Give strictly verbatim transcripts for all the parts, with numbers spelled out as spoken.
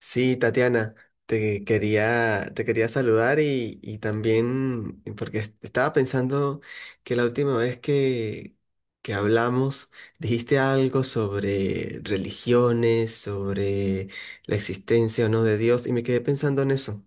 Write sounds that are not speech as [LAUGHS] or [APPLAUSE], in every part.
Sí, Tatiana, te quería, te quería saludar y, y también porque es- estaba pensando que la última vez que, que hablamos dijiste algo sobre religiones, sobre la existencia o no de Dios y me quedé pensando en eso.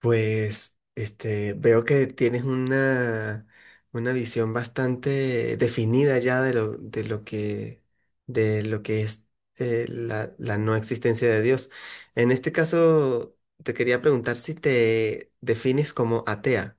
Pues este, veo que tienes una, una visión bastante definida ya de lo, de lo que, de lo que es eh, la, la no existencia de Dios. En este caso, te quería preguntar si te defines como atea.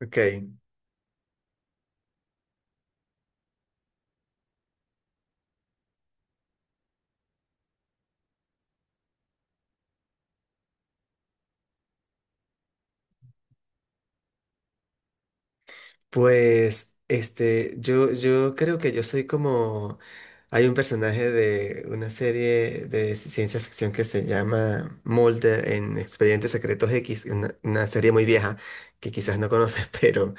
Ok. Pues, este, yo, yo creo que yo soy como, hay un personaje de una serie de ci- ciencia ficción que se llama Mulder en Expedientes Secretos X, una, una serie muy vieja que quizás no conoces, [LAUGHS] pero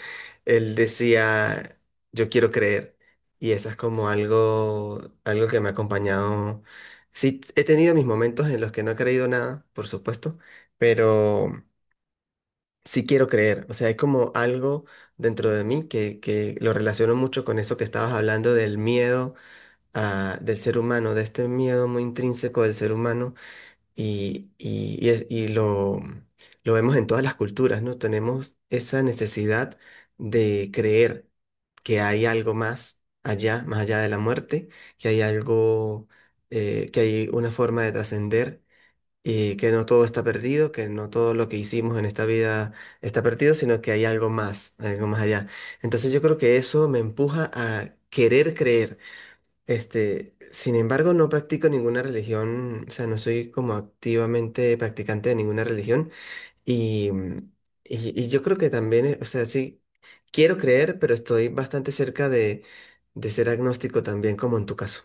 él decía, yo quiero creer, y eso es como algo, algo que me ha acompañado. Sí, he tenido mis momentos en los que no he creído nada, por supuesto, pero sí quiero creer. O sea, hay como algo dentro de mí que, que lo relaciono mucho con eso que estabas hablando del miedo ah, del ser humano, de este miedo muy intrínseco del ser humano y, y, y es- y lo, lo vemos en todas las culturas, ¿no? Tenemos esa necesidad de creer que hay algo más allá, más allá de la muerte, que hay algo, eh, que hay una forma de trascender y que no todo está perdido, que no todo lo que hicimos en esta vida está perdido, sino que hay algo más, algo más allá. Entonces yo creo que eso me empuja a querer creer. Este, sin embargo, no practico ninguna religión, o sea, no soy como activamente practicante de ninguna religión y, mm, y, y yo creo que también, eh, o sea, sí, quiero creer, pero estoy bastante cerca de, de ser agnóstico también, como en tu caso.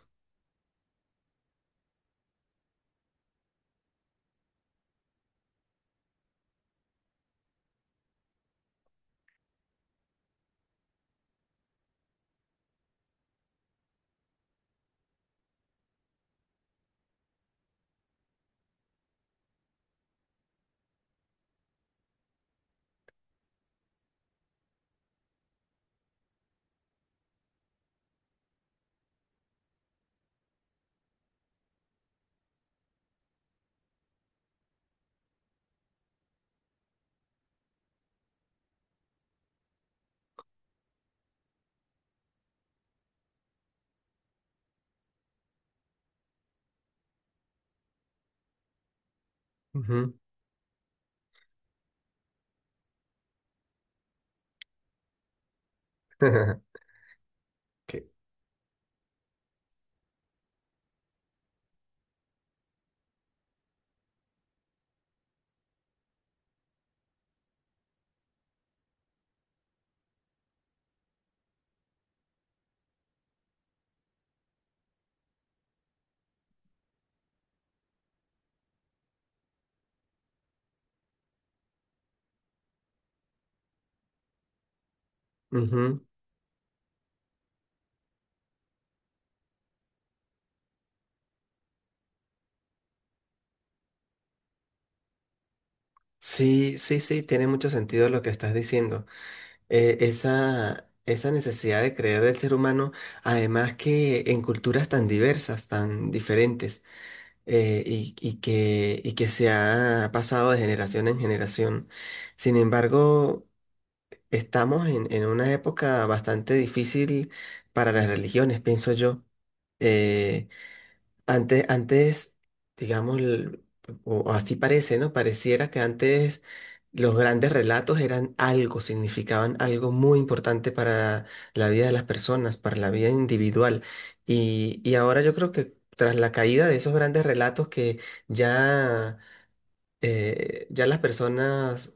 Ujú. [LAUGHS] Que- Ujú. Sí, sí, sí, tiene mucho sentido lo que estás diciendo. Eh, esa, esa necesidad de creer del ser humano, además que en culturas tan diversas, tan diferentes, eh, y, y que, y que se ha pasado de generación en generación. Sin embargo, estamos en, en una época bastante difícil para las religiones, pienso yo. Eh, antes, antes, digamos, el- o o así parece, ¿no? Pareciera que antes los grandes relatos eran algo, significaban algo muy importante para la vida de las personas, para la vida individual. Y, y ahora yo creo que tras la caída de esos grandes relatos que ya, eh, ya las personas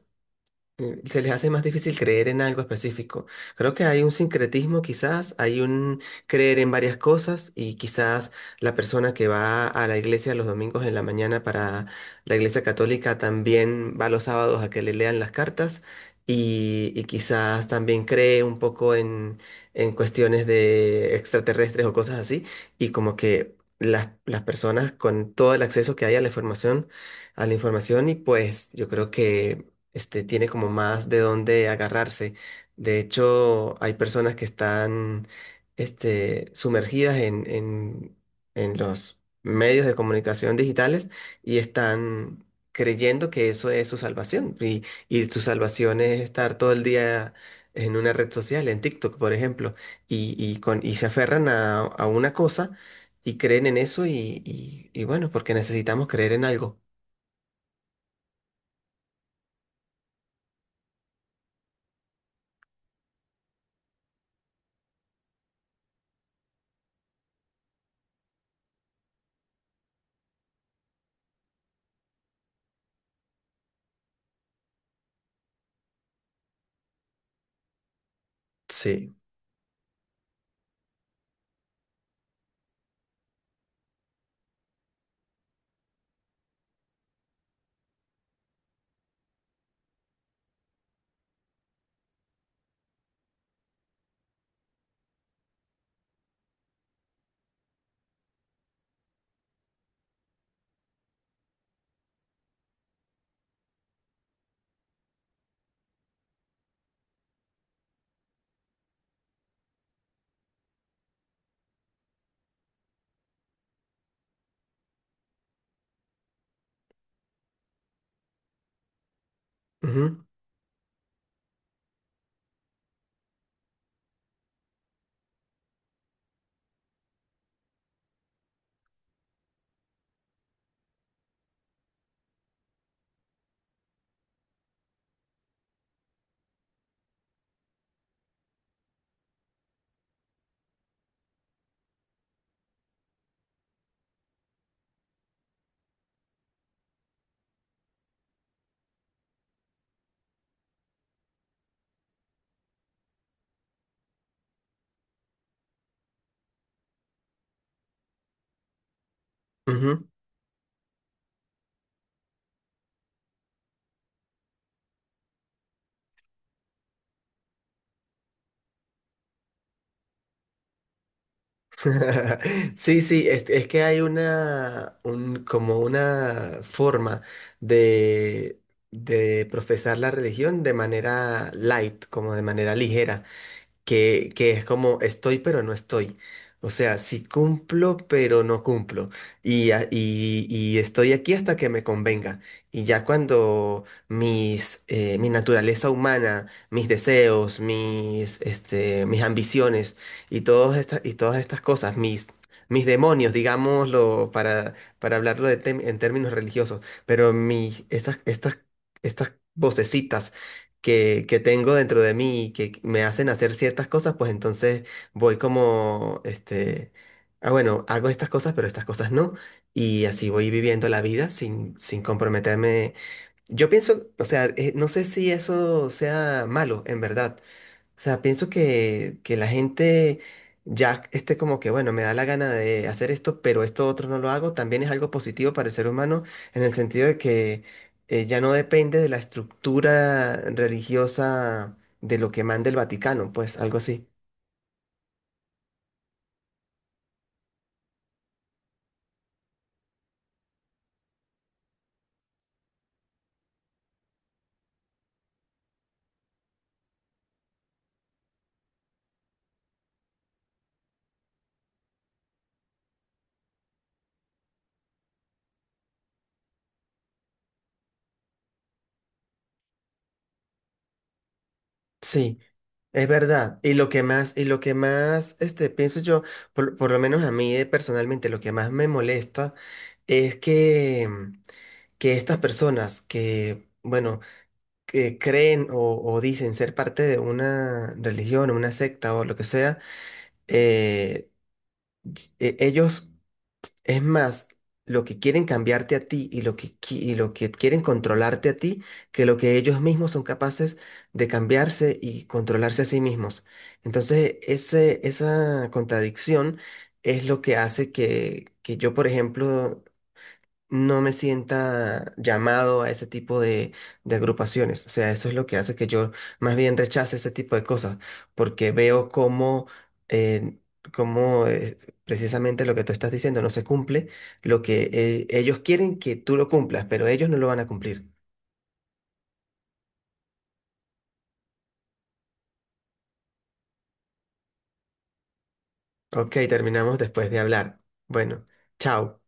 eh, se les hace más difícil creer en algo específico. Creo que hay un sincretismo quizás, hay un creer en varias cosas y quizás la persona que va a la iglesia los domingos en la mañana para la iglesia católica también va los sábados a que le lean las cartas y, y quizás también cree un poco en, en cuestiones de extraterrestres o cosas así y como que... Las, las personas con todo el acceso que hay a la información, a la información y pues yo creo que este, tiene como más de dónde agarrarse. De hecho, hay personas que están, este, sumergidas en, en, en los medios de comunicación digitales y están creyendo que eso es su salvación. Y, y su salvación es estar todo el día en una red social, en TikTok, por ejemplo, y, y, con, y se aferran a, a una cosa y creen en eso y, y, y bueno, porque necesitamos creer en algo. Sí. Ujú, ujú. [LAUGHS] Sí, sí, es, es que hay una, un- como una forma de, de profesar la religión de manera light, como de manera ligera que, que es como estoy pero no estoy. O sea, sí cumplo pero no cumplo. Y, a- y, y estoy aquí hasta que me convenga. Y ya cuando mis, eh, mi naturaleza humana, mis deseos, mis, este, mis ambiciones y, todas estas, y todas estas cosas, mis, mis demonios, digámoslo, para, para hablarlo de tem- en términos religiosos, pero mis, esas, estas, estas vocecitas que, que tengo dentro de mí y que me hacen hacer ciertas cosas, pues entonces voy como, este, ah, bueno, hago estas cosas, pero estas cosas no. Y así voy viviendo la vida sin, sin comprometerme. Yo pienso, o sea, eh, no sé si eso sea malo, en verdad, o sea, pienso que, que la gente ya esté como que, bueno, me da la gana de hacer esto, pero esto otro no lo hago, también es algo positivo para el ser humano en el sentido de que eh, ya no depende de la estructura religiosa de lo que manda el Vaticano, pues algo así. Sí, es verdad. Y lo que más, y lo que más, este, pienso yo, por, por lo menos a mí eh, personalmente, lo que más me molesta es que que estas personas que, bueno, que creen o, o dicen ser parte de una religión, una secta o lo que sea, eh, e- ellos, es más, lo que quieren cambiarte a ti y lo que, qui- y lo que quieren controlarte a ti, que lo que ellos mismos son capaces de cambiarse y controlarse a sí mismos. Entonces, ese, esa contradicción es lo que hace que, que yo, por ejemplo, no me sienta llamado a ese tipo de, de agrupaciones. O sea, eso es lo que hace que yo más bien rechace ese tipo de cosas, porque veo cómo, eh, cómo eh, precisamente lo que tú estás diciendo no se cumple, lo que eh, ellos quieren que tú lo cumplas, pero ellos no lo van a cumplir. Ok, terminamos después de hablar. Bueno, chao.